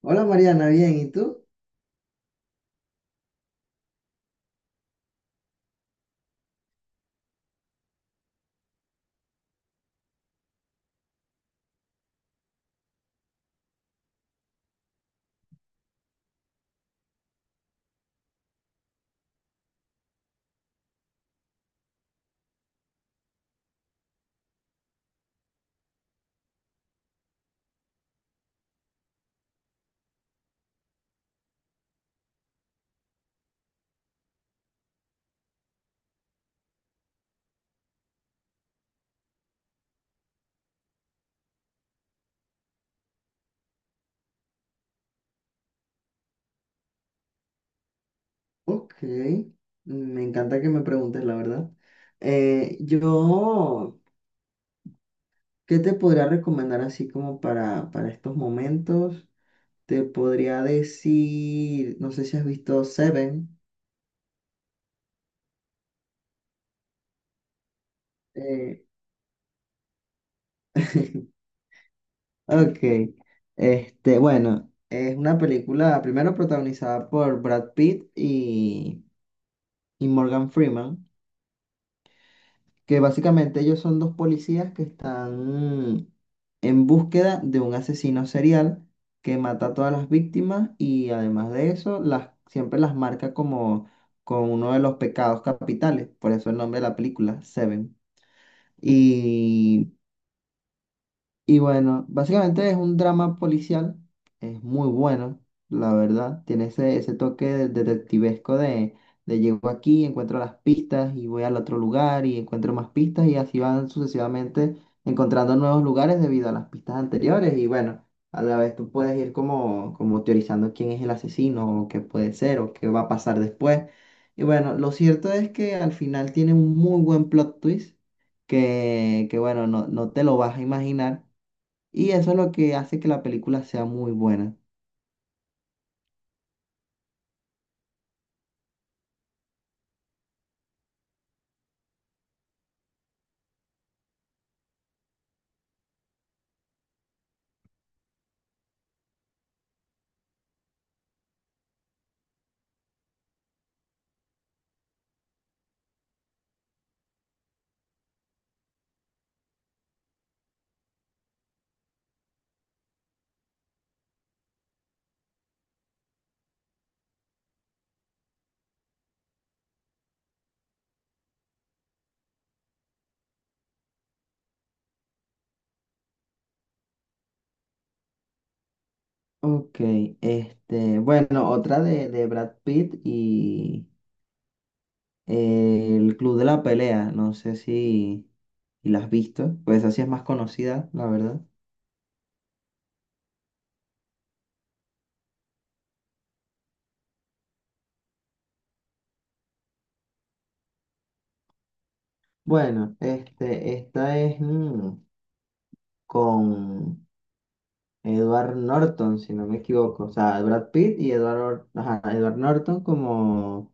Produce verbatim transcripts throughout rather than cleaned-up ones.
Hola Mariana, bien, ¿y tú? Ok, me encanta que me preguntes, la verdad. Eh, yo, ¿qué te podría recomendar así como para, para estos momentos? Te podría decir, no sé si has visto Seven. eh, ok, este, bueno, es una película primero protagonizada por Brad Pitt y, y Morgan Freeman, que básicamente ellos son dos policías que están en búsqueda de un asesino serial que mata a todas las víctimas y además de eso las, siempre las marca como con uno de los pecados capitales, por eso el nombre de la película, Seven. y y bueno, básicamente es un drama policial, es muy bueno, la verdad, tiene ese, ese toque de- detectivesco de, de llego aquí, encuentro las pistas y voy al otro lugar y encuentro más pistas y así van sucesivamente encontrando nuevos lugares debido a las pistas anteriores y bueno, a la vez tú puedes ir como, como teorizando quién es el asesino o qué puede ser o qué va a pasar después. Y bueno, lo cierto es que al final tiene un muy buen plot twist que, que bueno, no, no te lo vas a imaginar. Y eso es lo que hace que la película sea muy buena. Ok, este, bueno, otra de, de Brad Pitt y eh, el Club de la Pelea, no sé si, si la has visto, pues así es más conocida, la verdad. Bueno, este, esta es mm, con Edward Norton, si no me equivoco, o sea, Brad Pitt y Edward, Or- ajá, Edward Norton como,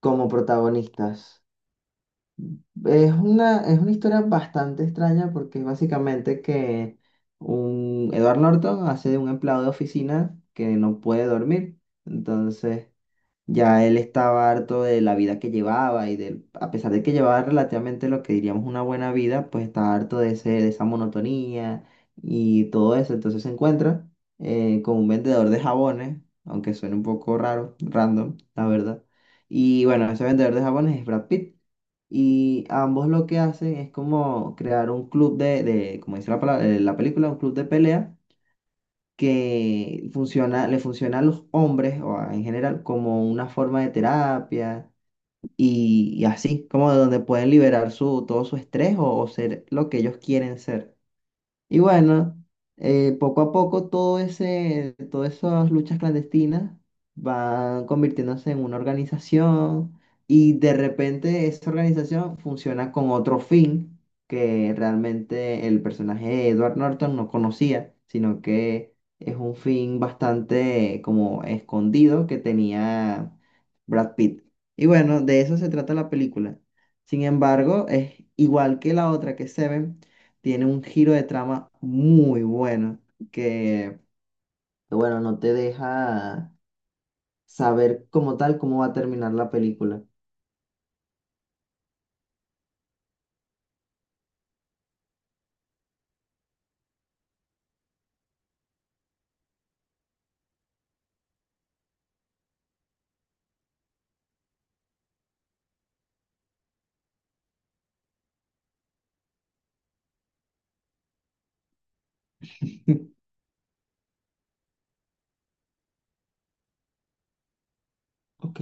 como protagonistas. Es una, es una historia bastante extraña porque es básicamente que un Edward Norton hace de un empleado de oficina que no puede dormir. Entonces, ya él estaba harto de la vida que llevaba y de, a pesar de que llevaba relativamente lo que diríamos una buena vida, pues estaba harto de ese, de esa monotonía y todo eso. Entonces se encuentra eh, con un vendedor de jabones, aunque suene un poco raro, random, la verdad. Y bueno, ese vendedor de jabones es Brad Pitt. Y ambos lo que hacen es como crear un club de, de como dice la palabra, eh, la película, un club de pelea que funciona, le funciona a los hombres o a- en general como una forma de terapia y, y así, como de donde pueden liberar su, todo su estrés o, o ser lo que ellos quieren ser. Y bueno, eh, poco a poco todo ese, todas esas luchas clandestinas van convirtiéndose en una organización y de repente esa organización funciona con otro fin que realmente el personaje de Edward Norton no conocía, sino que es un fin bastante como escondido que tenía Brad Pitt. Y bueno, de eso se trata la película. Sin embargo, es igual que la otra que Seven tiene un giro de trama muy bueno, que, bueno, no te deja saber como tal cómo va a terminar la película. Ok.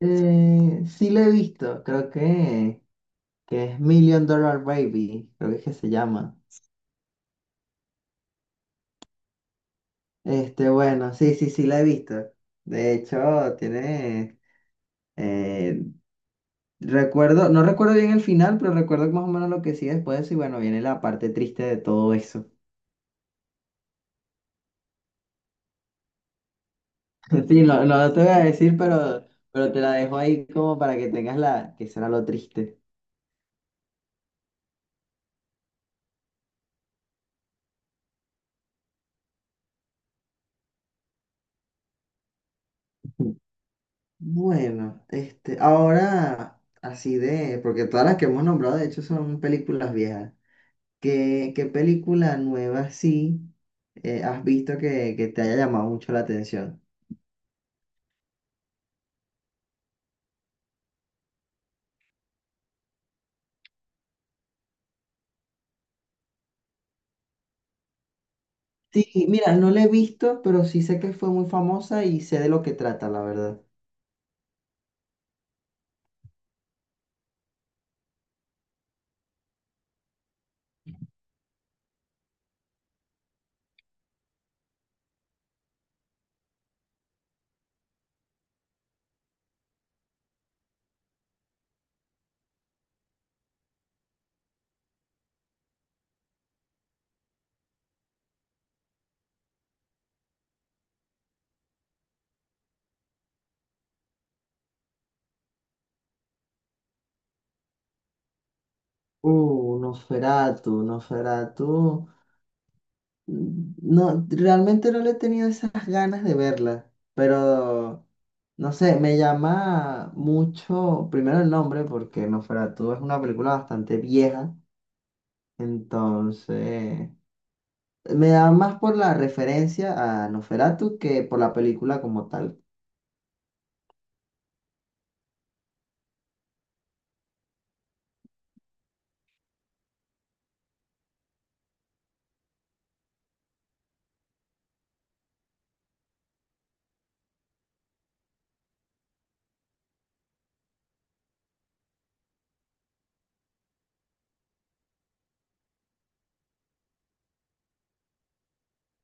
Eh, sí la he visto, creo que, que es Million Dollar Baby, creo que es que se llama. Este, bueno, sí, sí, sí la he visto. De hecho, tiene, eh, recuerdo, no recuerdo bien el final, pero recuerdo más o menos lo que sigue después y bueno, viene la parte triste de todo eso. Sí, no, no te voy a decir, pero, pero te la dejo ahí como para que tengas la, que será lo triste. Bueno, este, ahora, así de, porque todas las que hemos nombrado de hecho son películas viejas. ¿Qué, qué película nueva sí eh, has visto que, que te haya llamado mucho la atención? Sí, mira, no la he visto, pero sí sé que fue muy famosa y sé de lo que trata, la verdad. Uh, Nosferatu, Nosferatu. No, realmente no le he tenido esas ganas de verla, pero no sé, me llama mucho, primero el nombre, porque Nosferatu es una película bastante vieja, entonces me da más por la referencia a Nosferatu que por la película como tal.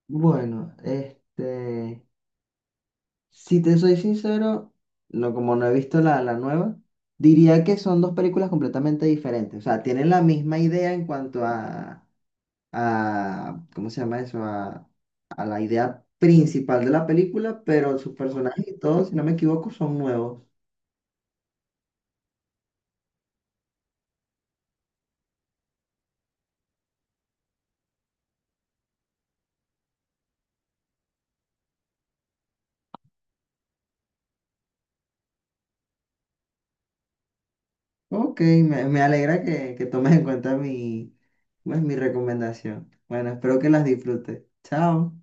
Bueno, este, si te soy sincero, no, como no he visto la, la nueva, diría que son dos películas completamente diferentes, o sea, tienen la misma idea en cuanto a a, ¿cómo se llama eso? A, a la idea principal de la película, pero sus personajes y todo, si no me equivoco, son nuevos. Ok, me, me alegra que, que tomes en cuenta mi, pues, mi recomendación. Bueno, espero que las disfrutes. Chao.